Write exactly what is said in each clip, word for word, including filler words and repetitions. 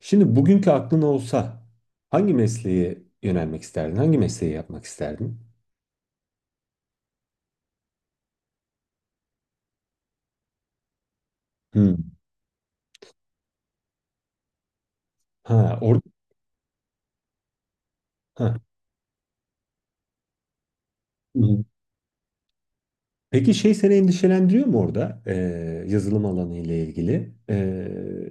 Şimdi bugünkü aklın olsa hangi mesleğe yönelmek isterdin? Hangi mesleği yapmak isterdin? Hmm. Ha, orada. Ha. Hı. Peki şey seni endişelendiriyor mu orada? Ee, yazılım alanı ile ilgili? Ee,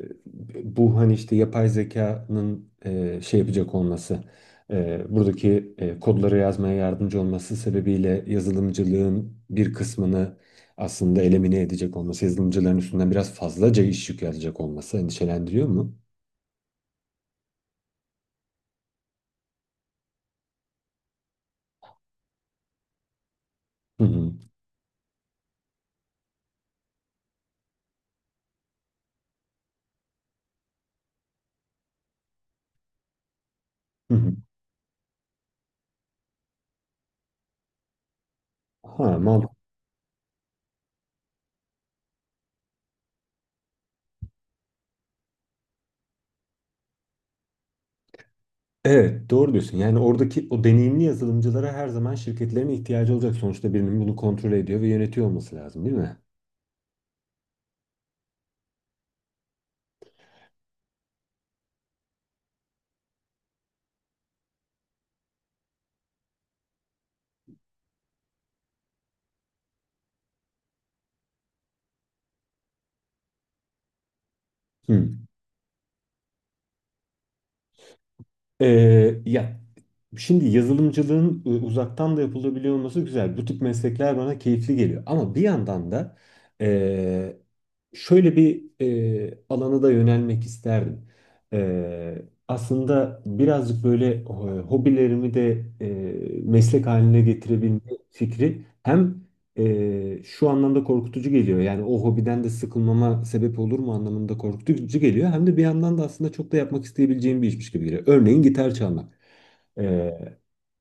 Bu hani işte yapay zekanın e, şey yapacak olması, e, buradaki e, kodları yazmaya yardımcı olması sebebiyle yazılımcılığın bir kısmını aslında elimine edecek olması, yazılımcıların üstünden biraz fazlaca iş yükü alacak olması endişelendiriyor mu? Hı hı. Hı hı. Ha, mantıklı. Evet, doğru diyorsun. Yani oradaki o deneyimli yazılımcılara her zaman şirketlerin ihtiyacı olacak. Sonuçta birinin bunu kontrol ediyor ve yönetiyor olması lazım, değil mi? Hı. Ee, ya şimdi yazılımcılığın e, uzaktan da yapılabiliyor olması güzel. Bu tip meslekler bana keyifli geliyor. Ama bir yandan da e, şöyle bir e, alana da yönelmek isterdim. E, aslında birazcık böyle e, hobilerimi de e, meslek haline getirebilme fikri hem e, şu anlamda korkutucu geliyor. Yani o hobiden de sıkılmama sebep olur mu anlamında korkutucu geliyor. Hem de bir yandan da aslında çok da yapmak isteyebileceğim bir işmiş gibi geliyor. Örneğin gitar çalmak. E,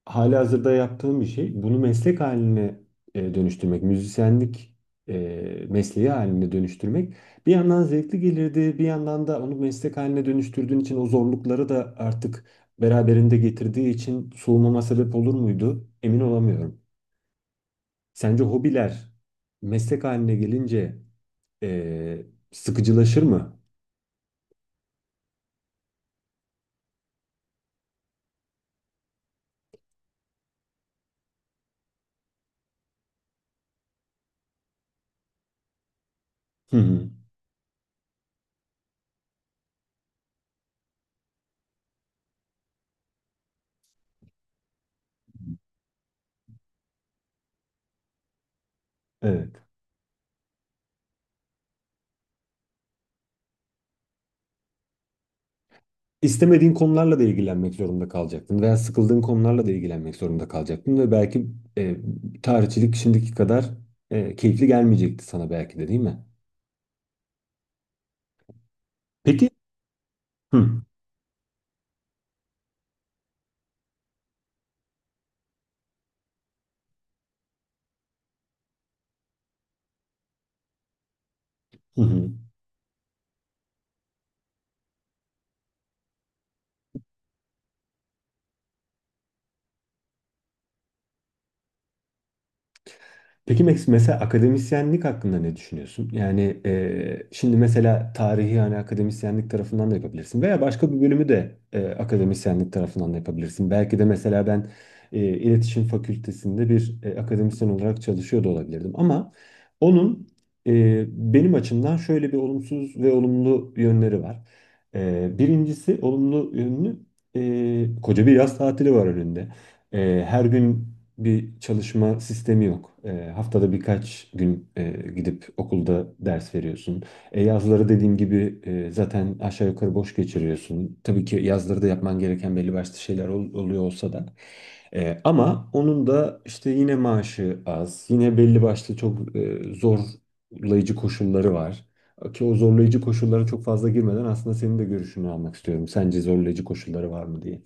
halihazırda yaptığım bir şey. Bunu meslek haline e, dönüştürmek, müzisyenlik e, mesleği haline dönüştürmek bir yandan zevkli gelirdi, bir yandan da onu meslek haline dönüştürdüğün için o zorlukları da artık beraberinde getirdiği için soğumama sebep olur muydu? Emin olamıyorum. Sence hobiler meslek haline gelince eee, sıkıcılaşır mı? Hı hı. Evet. İstemediğin konularla da ilgilenmek zorunda kalacaktın veya sıkıldığın konularla da ilgilenmek zorunda kalacaktın ve belki eee tarihçilik şimdiki kadar eee, keyifli gelmeyecekti sana belki de, değil mi? Peki. Hı. Hı hı. Peki Max, mesela akademisyenlik hakkında ne düşünüyorsun? Yani e, şimdi mesela tarihi, yani akademisyenlik tarafından da yapabilirsin veya başka bir bölümü de e, akademisyenlik tarafından da yapabilirsin. Belki de mesela ben e, iletişim fakültesinde bir e, akademisyen olarak çalışıyor da olabilirdim, ama onun e, benim açımdan şöyle bir olumsuz ve olumlu yönleri var. E, birincisi olumlu yönü, e, koca bir yaz tatili var önünde. E, her gün bir çalışma sistemi yok. E, haftada birkaç gün e, gidip okulda ders veriyorsun. E, yazları dediğim gibi e, zaten aşağı yukarı boş geçiriyorsun. Tabii ki yazları da yapman gereken belli başlı şeyler ol- oluyor olsa da. E, ama onun da işte yine maaşı az, yine belli başlı çok e, zorlayıcı koşulları var. Ki o zorlayıcı koşullara çok fazla girmeden aslında senin de görüşünü almak istiyorum. Sence zorlayıcı koşulları var mı diye.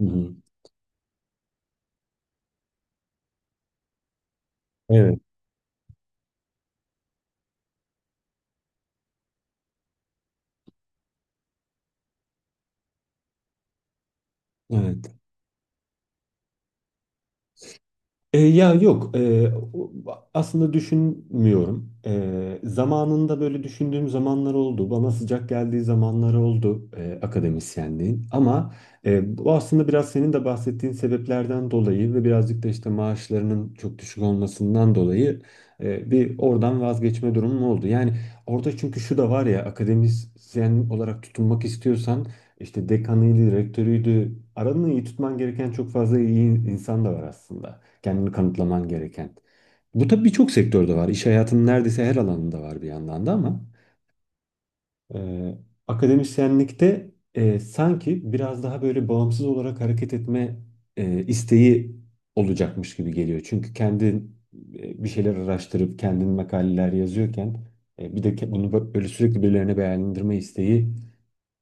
Hı hı. Evet. Evet. E, ya yok, e, o- aslında düşünmüyorum. E, zamanında böyle düşündüğüm zamanlar oldu. Bana sıcak geldiği zamanlar oldu e, akademisyenliğin. Ama e, bu aslında biraz senin de bahsettiğin sebeplerden dolayı ve birazcık da işte maaşlarının çok düşük olmasından dolayı e, bir oradan vazgeçme durumum oldu. Yani orada çünkü şu da var ya, akademisyen olarak tutunmak istiyorsan işte dekanıydı, rektörüydü. Aranı iyi tutman gereken çok fazla iyi insan da var aslında, kendini kanıtlaman gereken. Bu tabii birçok sektörde var. İş hayatının neredeyse her alanında var bir yandan da, ama e, akademisyenlikte e, sanki biraz daha böyle bağımsız olarak hareket etme e, isteği olacakmış gibi geliyor. Çünkü kendin e, bir şeyler araştırıp kendin makaleler yazıyorken e, bir de ke- bunu bö- böyle sürekli birilerine beğendirme isteği,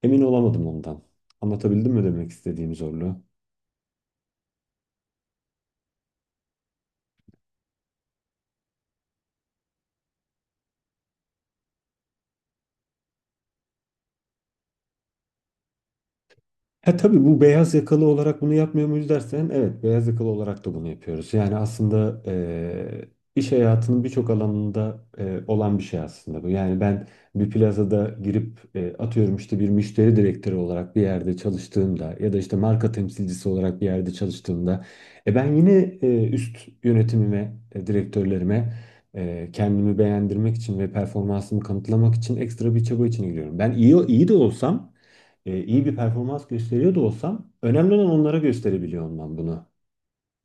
emin olamadım ondan. Anlatabildim mi demek istediğim zorluğu? Ha, tabii bu beyaz yakalı olarak bunu yapmıyor muyuz dersen, evet, beyaz yakalı olarak da bunu yapıyoruz. Yani aslında eee, iş hayatının birçok alanında eee, olan bir şey aslında bu. Yani ben bir plazada girip eee, atıyorum işte bir müşteri direktörü olarak bir yerde çalıştığımda ya da işte marka temsilcisi olarak bir yerde çalıştığımda e, ben yine eee, üst yönetimime, e, direktörlerime eee, kendimi beğendirmek için ve performansımı kanıtlamak için ekstra bir çaba içine giriyorum. Ben iyi iyi de olsam, e, iyi bir performans gösteriyor da olsam önemli olan onlara gösterebiliyor olmam bunu.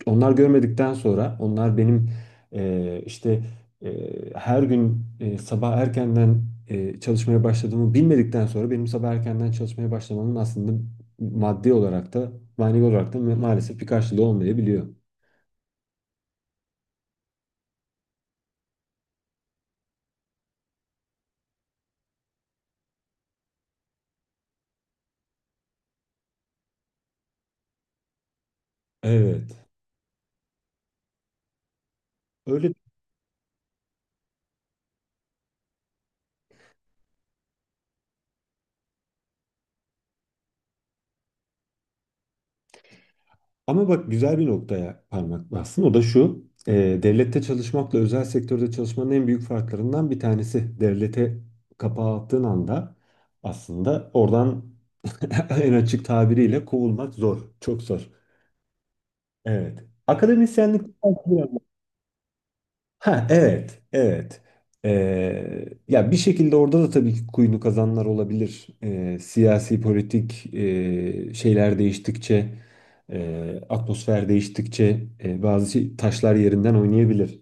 Onlar görmedikten sonra, onlar benim e, işte e, her gün e, sabah erkenden e, çalışmaya başladığımı bilmedikten sonra benim sabah erkenden çalışmaya başlamamın aslında maddi olarak da manevi olarak da ma- maalesef bir karşılığı olmayabiliyor. Evet. Öyle. Ama bak, güzel bir noktaya parmak bastın. O da şu. E, devlette çalışmakla özel sektörde çalışmanın en büyük farklarından bir tanesi. Devlete kapağı attığın anda aslında oradan en açık tabiriyle kovulmak zor. Çok zor. Evet. Akademisyenlik. Ha, evet, evet. Ee, ya bir şekilde orada da tabii ki kuyunu kazanlar olabilir. Ee, siyasi politik e, şeyler değiştikçe, e, atmosfer değiştikçe e, bazı şey- taşlar yerinden oynayabilir.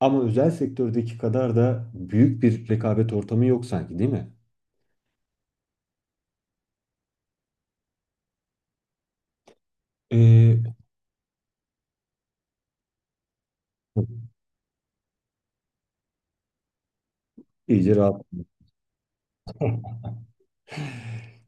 Ama özel sektördeki kadar da büyük bir rekabet ortamı yok sanki, değil mi? Ee, İyice rahat.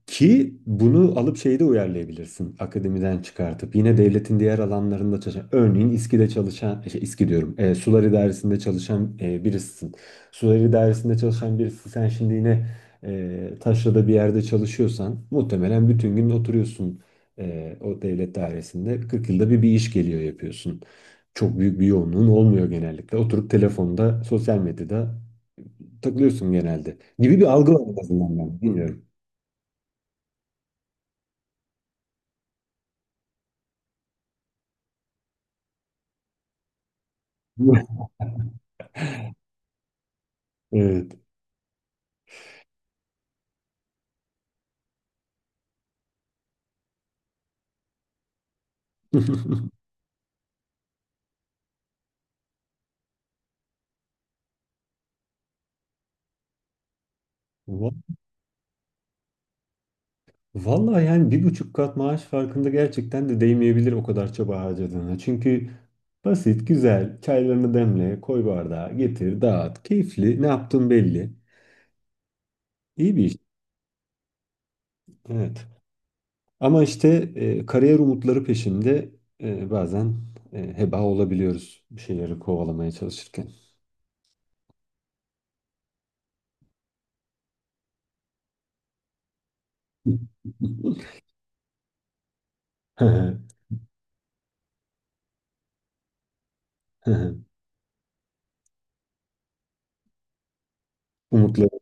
Ki bunu alıp şeyde uyarlayabilirsin. Akademiden çıkartıp yine devletin diğer alanlarında çalışan, örneğin İSKİ'de çalışan, e, şey, İSKİ diyorum, e, sular idaresinde çalışan e, birisin. Sular idaresinde çalışan birisi, sen şimdi yine e, taşrada bir yerde çalışıyorsan muhtemelen bütün gün oturuyorsun e, o devlet dairesinde. kırk yılda bir bir iş geliyor yapıyorsun. Çok büyük bir yoğunluğun olmuyor genellikle. Oturup telefonda, sosyal medyada takılıyorsun genelde. Gibi bir algı var, en azından, ben bilmiyorum. Evet. Va- Vallahi yani bir buçuk kat maaş farkında gerçekten de değmeyebilir o kadar çaba harcadığına. Çünkü basit, güzel, çaylarını demle, koy bardağa, getir, dağıt, keyifli, ne yaptığın belli. İyi bir iş. Evet. Ama işte e, kariyer umutları peşinde e, bazen e, heba olabiliyoruz bir şeyleri kovalamaya çalışırken. Umutları.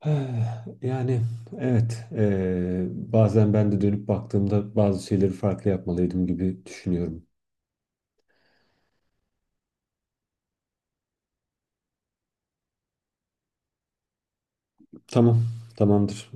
Eh, yani evet, eee, bazen ben de dönüp baktığımda bazı şeyleri farklı yapmalıydım gibi düşünüyorum. Tamam, tamamdır.